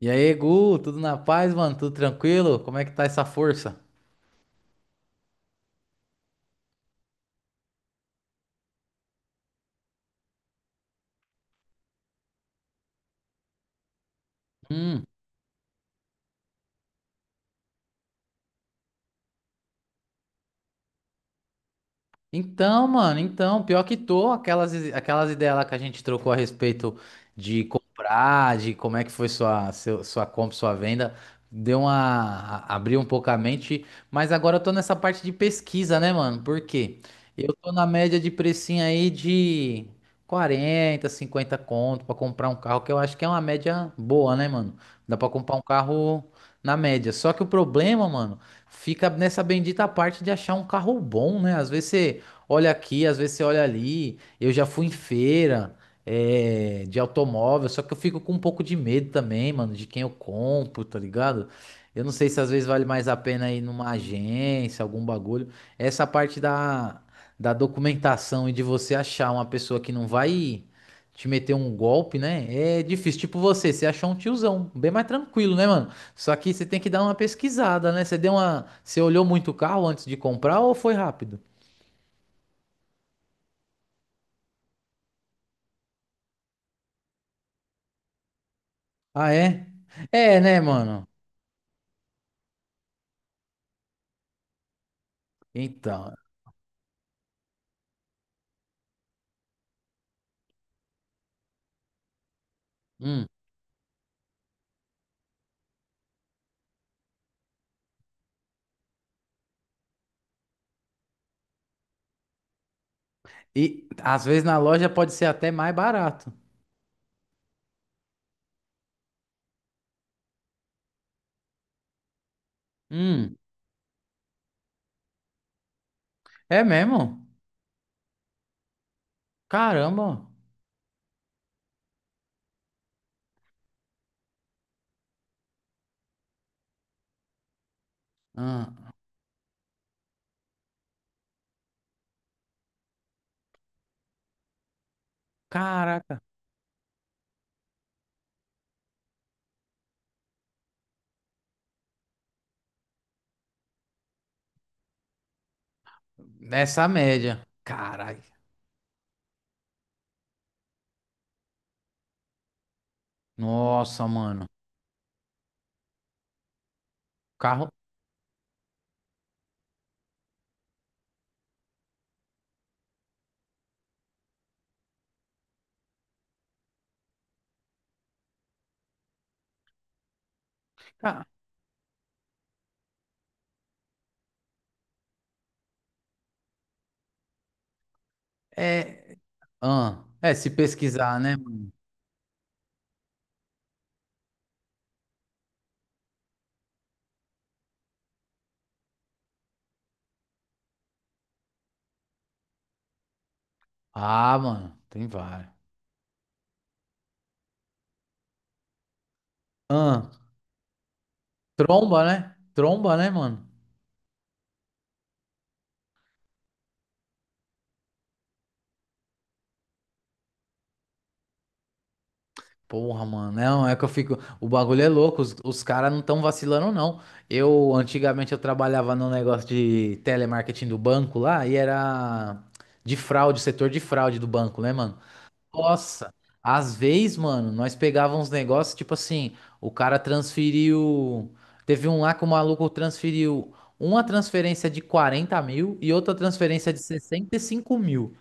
E aí, Gu, tudo na paz, mano? Tudo tranquilo? Como é que tá essa força? Hum. Então, mano, então, pior que tô, aquelas ideias lá que a gente trocou a respeito de comprar, de como é que foi sua, sua compra, sua venda, deu uma, abriu um pouco a mente, mas agora eu tô nessa parte de pesquisa, né, mano? Por quê? Eu tô na média de precinho aí de 40, 50 conto pra comprar um carro, que eu acho que é uma média boa, né, mano? Dá pra comprar um carro na média. Só que o problema, mano, fica nessa bendita parte de achar um carro bom, né? Às vezes você olha aqui, às vezes você olha ali. Eu já fui em feira, é, de automóvel, só que eu fico com um pouco de medo também, mano, de quem eu compro, tá ligado? Eu não sei se às vezes vale mais a pena ir numa agência, algum bagulho. Essa parte da, documentação e de você achar uma pessoa que não vai te meter um golpe, né? É difícil. Tipo você achou um tiozão, bem mais tranquilo, né, mano? Só que você tem que dar uma pesquisada, né? Você deu uma, você olhou muito o carro antes de comprar ou foi rápido? Ah, é? É, né, mano? Então. Hum. E às vezes na loja pode ser até mais barato. Hum. É mesmo? Caramba. Ah, caraca. Nessa média. Caralho. Nossa, mano. Carro. Ca- É. Ah, é, se pesquisar, né, mano? Ah, mano. Tem vários. Ah, tromba, né? Tromba, né, mano? Porra, mano, não, é que eu fico. O bagulho é louco, os caras não estão vacilando, não. Eu, antigamente, eu trabalhava num negócio de telemarketing do banco lá e era de fraude, setor de fraude do banco, né, mano? Nossa, às vezes, mano, nós pegávamos uns negócios, tipo assim, o cara transferiu. Teve um lá que o maluco transferiu uma transferência de 40 mil e outra transferência de 65 mil.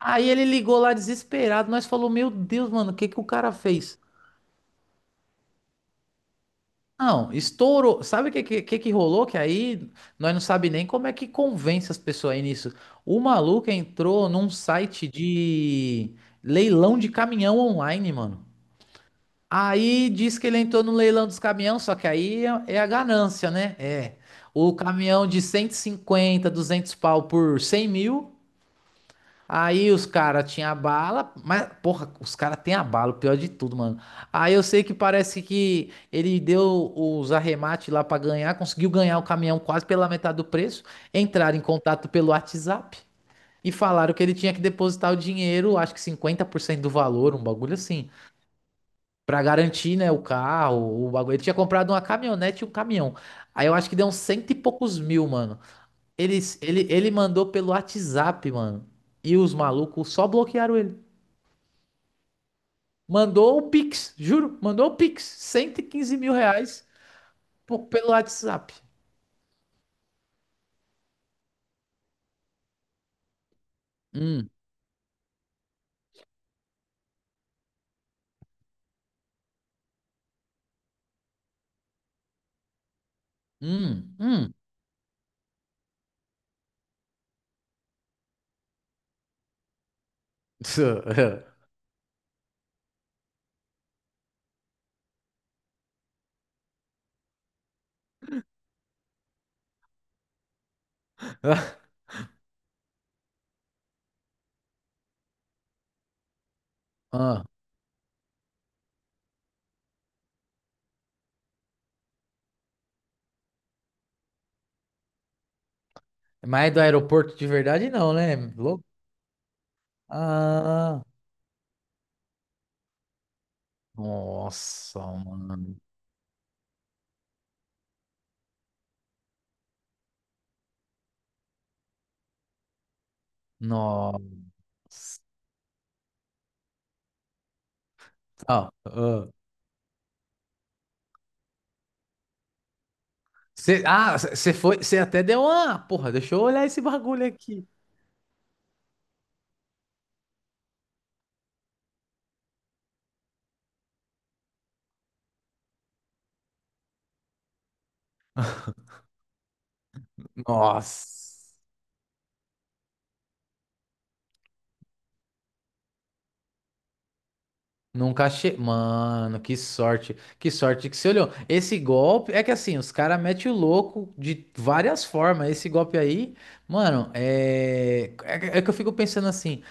Aí ele ligou lá desesperado, nós falou, meu Deus, mano, o que que o cara fez? Não, estourou. Sabe o que que rolou? Que aí nós não sabe nem como é que convence as pessoas aí nisso. O maluco entrou num site de leilão de caminhão online, mano. Aí diz que ele entrou no leilão dos caminhões, só que aí é a ganância, né? É. O caminhão de 150, 200 pau por 100 mil. Aí os caras tinham a bala, mas, porra, os caras têm a bala, o pior de tudo, mano. Aí eu sei que parece que ele deu os arremates lá pra ganhar, conseguiu ganhar o caminhão quase pela metade do preço, entraram em contato pelo WhatsApp e falaram que ele tinha que depositar o dinheiro, acho que 50% do valor, um bagulho assim, pra garantir, né, o carro, o bagulho. Ele tinha comprado uma caminhonete e um caminhão. Aí eu acho que deu uns cento e poucos mil, mano. Ele mandou pelo WhatsApp, mano. E os malucos só bloquearam ele. Mandou o Pix, juro. Mandou o Pix. Cento e quinze mil reais pelo WhatsApp. Hum, hum, hum. Ah, mas do aeroporto de verdade, não, né? Louco. Ah, nossa, mano. Nossa. Ah, ah. Você foi, você até deu uma. Porra, deixa eu olhar esse bagulho aqui. Nossa. Nunca che... Mano, que sorte. Que sorte que você olhou. Esse golpe é que assim, os caras metem o louco de várias formas. Esse golpe aí, mano, é que eu fico pensando assim.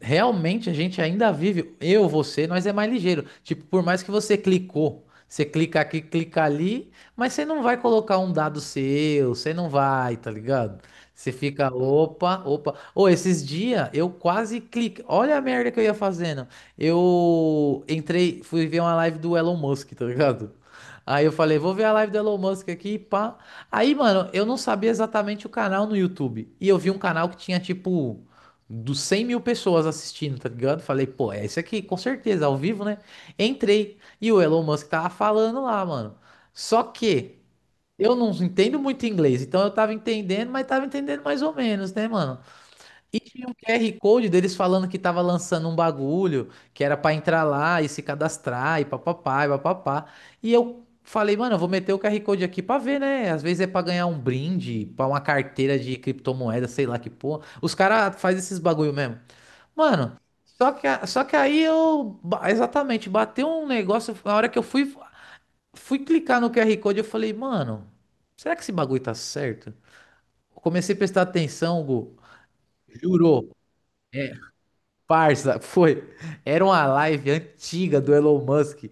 Realmente a gente ainda vive, eu, você, nós é mais ligeiro. Tipo, por mais que você clicou, você clica aqui, clica ali, mas você não vai colocar um dado seu, você não vai, tá ligado? Você fica, opa, opa. Ô, esses dias eu quase cliquei. Olha a merda que eu ia fazendo. Eu entrei, fui ver uma live do Elon Musk, tá ligado? Aí eu falei, vou ver a live do Elon Musk aqui, pá. Aí, mano, eu não sabia exatamente o canal no YouTube. E eu vi um canal que tinha tipo dos 100 mil pessoas assistindo, tá ligado? Falei, pô, é esse aqui, com certeza, ao vivo, né? Entrei e o Elon Musk tava falando lá, mano. Só que eu não entendo muito inglês, então eu tava entendendo, mas tava entendendo mais ou menos, né, mano? E tinha um QR Code deles falando que tava lançando um bagulho, que era pra entrar lá e se cadastrar e papapá e papapá. E eu. Falei, mano, eu vou meter o QR Code aqui pra ver, né? Às vezes é pra ganhar um brinde, pra uma carteira de criptomoeda, sei lá que porra. Os caras fazem esses bagulho mesmo. Mano, só que. Exatamente, bateu um negócio. Na hora que eu fui clicar no QR Code, eu falei, mano, será que esse bagulho tá certo? Eu comecei a prestar atenção, Gu. Jurou. Parça, foi. Era uma live antiga do Elon Musk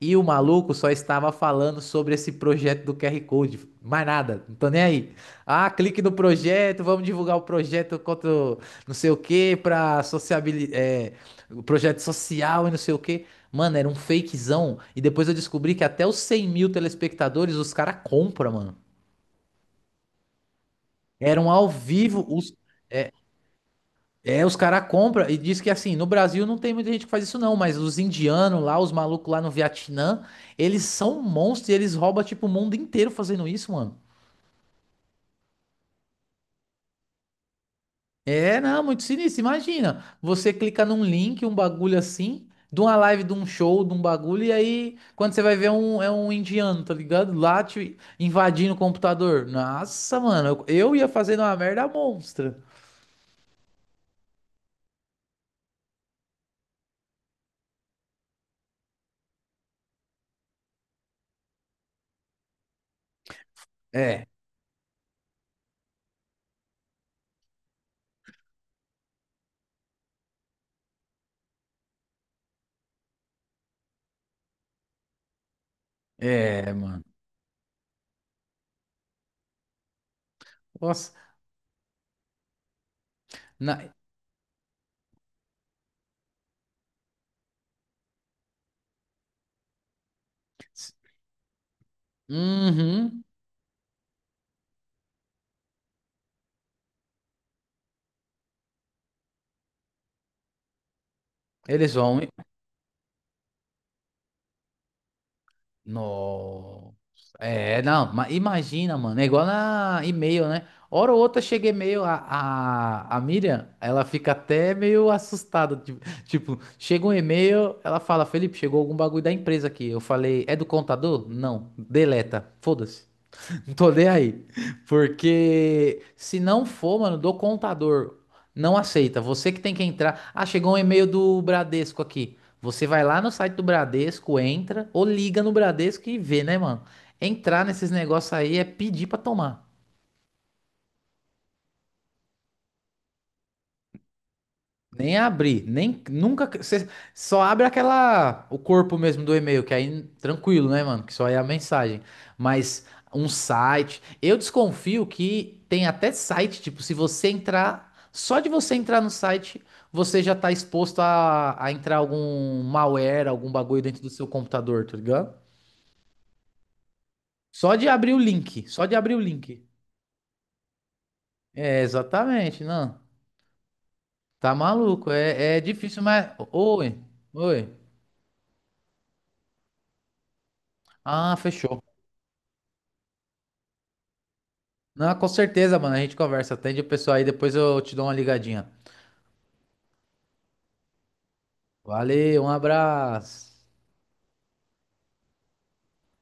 e o maluco só estava falando sobre esse projeto do QR Code. Mais nada, não tô nem aí. Ah, clique no projeto, vamos divulgar o projeto contra o não sei o que pra sociabilidade, é, o projeto social e não sei o que. Mano, era um fakezão. E depois eu descobri que até os 100 mil telespectadores os caras compram, mano. Eram ao vivo os. É, os caras compram e diz que assim, no Brasil não tem muita gente que faz isso não, mas os indianos lá, os malucos lá no Vietnã, eles são monstros e eles roubam tipo o mundo inteiro fazendo isso, mano. É, não, muito sinistro. Imagina, você clica num link, um bagulho assim, de uma live, de um show, de um bagulho, e aí quando você vai ver é um indiano, tá ligado? Lá te invadindo o computador. Nossa, mano, eu ia fazendo uma merda monstra. É, é, mano. Nossa, na... Uhum. Eles vão. Nossa. É, não, imagina, mano. É igual na e-mail, né? Hora ou outra chega e-mail, a Miriam, ela fica até meio assustada. Tipo, chega um e-mail, ela fala: Felipe, chegou algum bagulho da empresa aqui. Eu falei: É do contador? Não, deleta, foda-se. Não tô nem aí. Porque se não for, mano, do contador, não aceita. Você que tem que entrar. Ah, chegou um e-mail do Bradesco aqui. Você vai lá no site do Bradesco, entra ou liga no Bradesco e vê, né, mano? Entrar nesses negócios aí é pedir pra tomar. Nem abrir, nem nunca. Você só abre aquela. O corpo mesmo do e-mail, que aí tranquilo, né, mano? Que só é a mensagem. Mas um site. Eu desconfio que tem até site, tipo, se você entrar. Só de você entrar no site, você já tá exposto a entrar algum malware, algum bagulho dentro do seu computador, tá ligado? Só de abrir o link. Só de abrir o link. É, exatamente, não. Tá maluco. É difícil, mas. Oi, oi. Ah, fechou. Não, com certeza, mano. A gente conversa. Atende o pessoal aí, depois eu te dou uma ligadinha. Valeu, um abraço.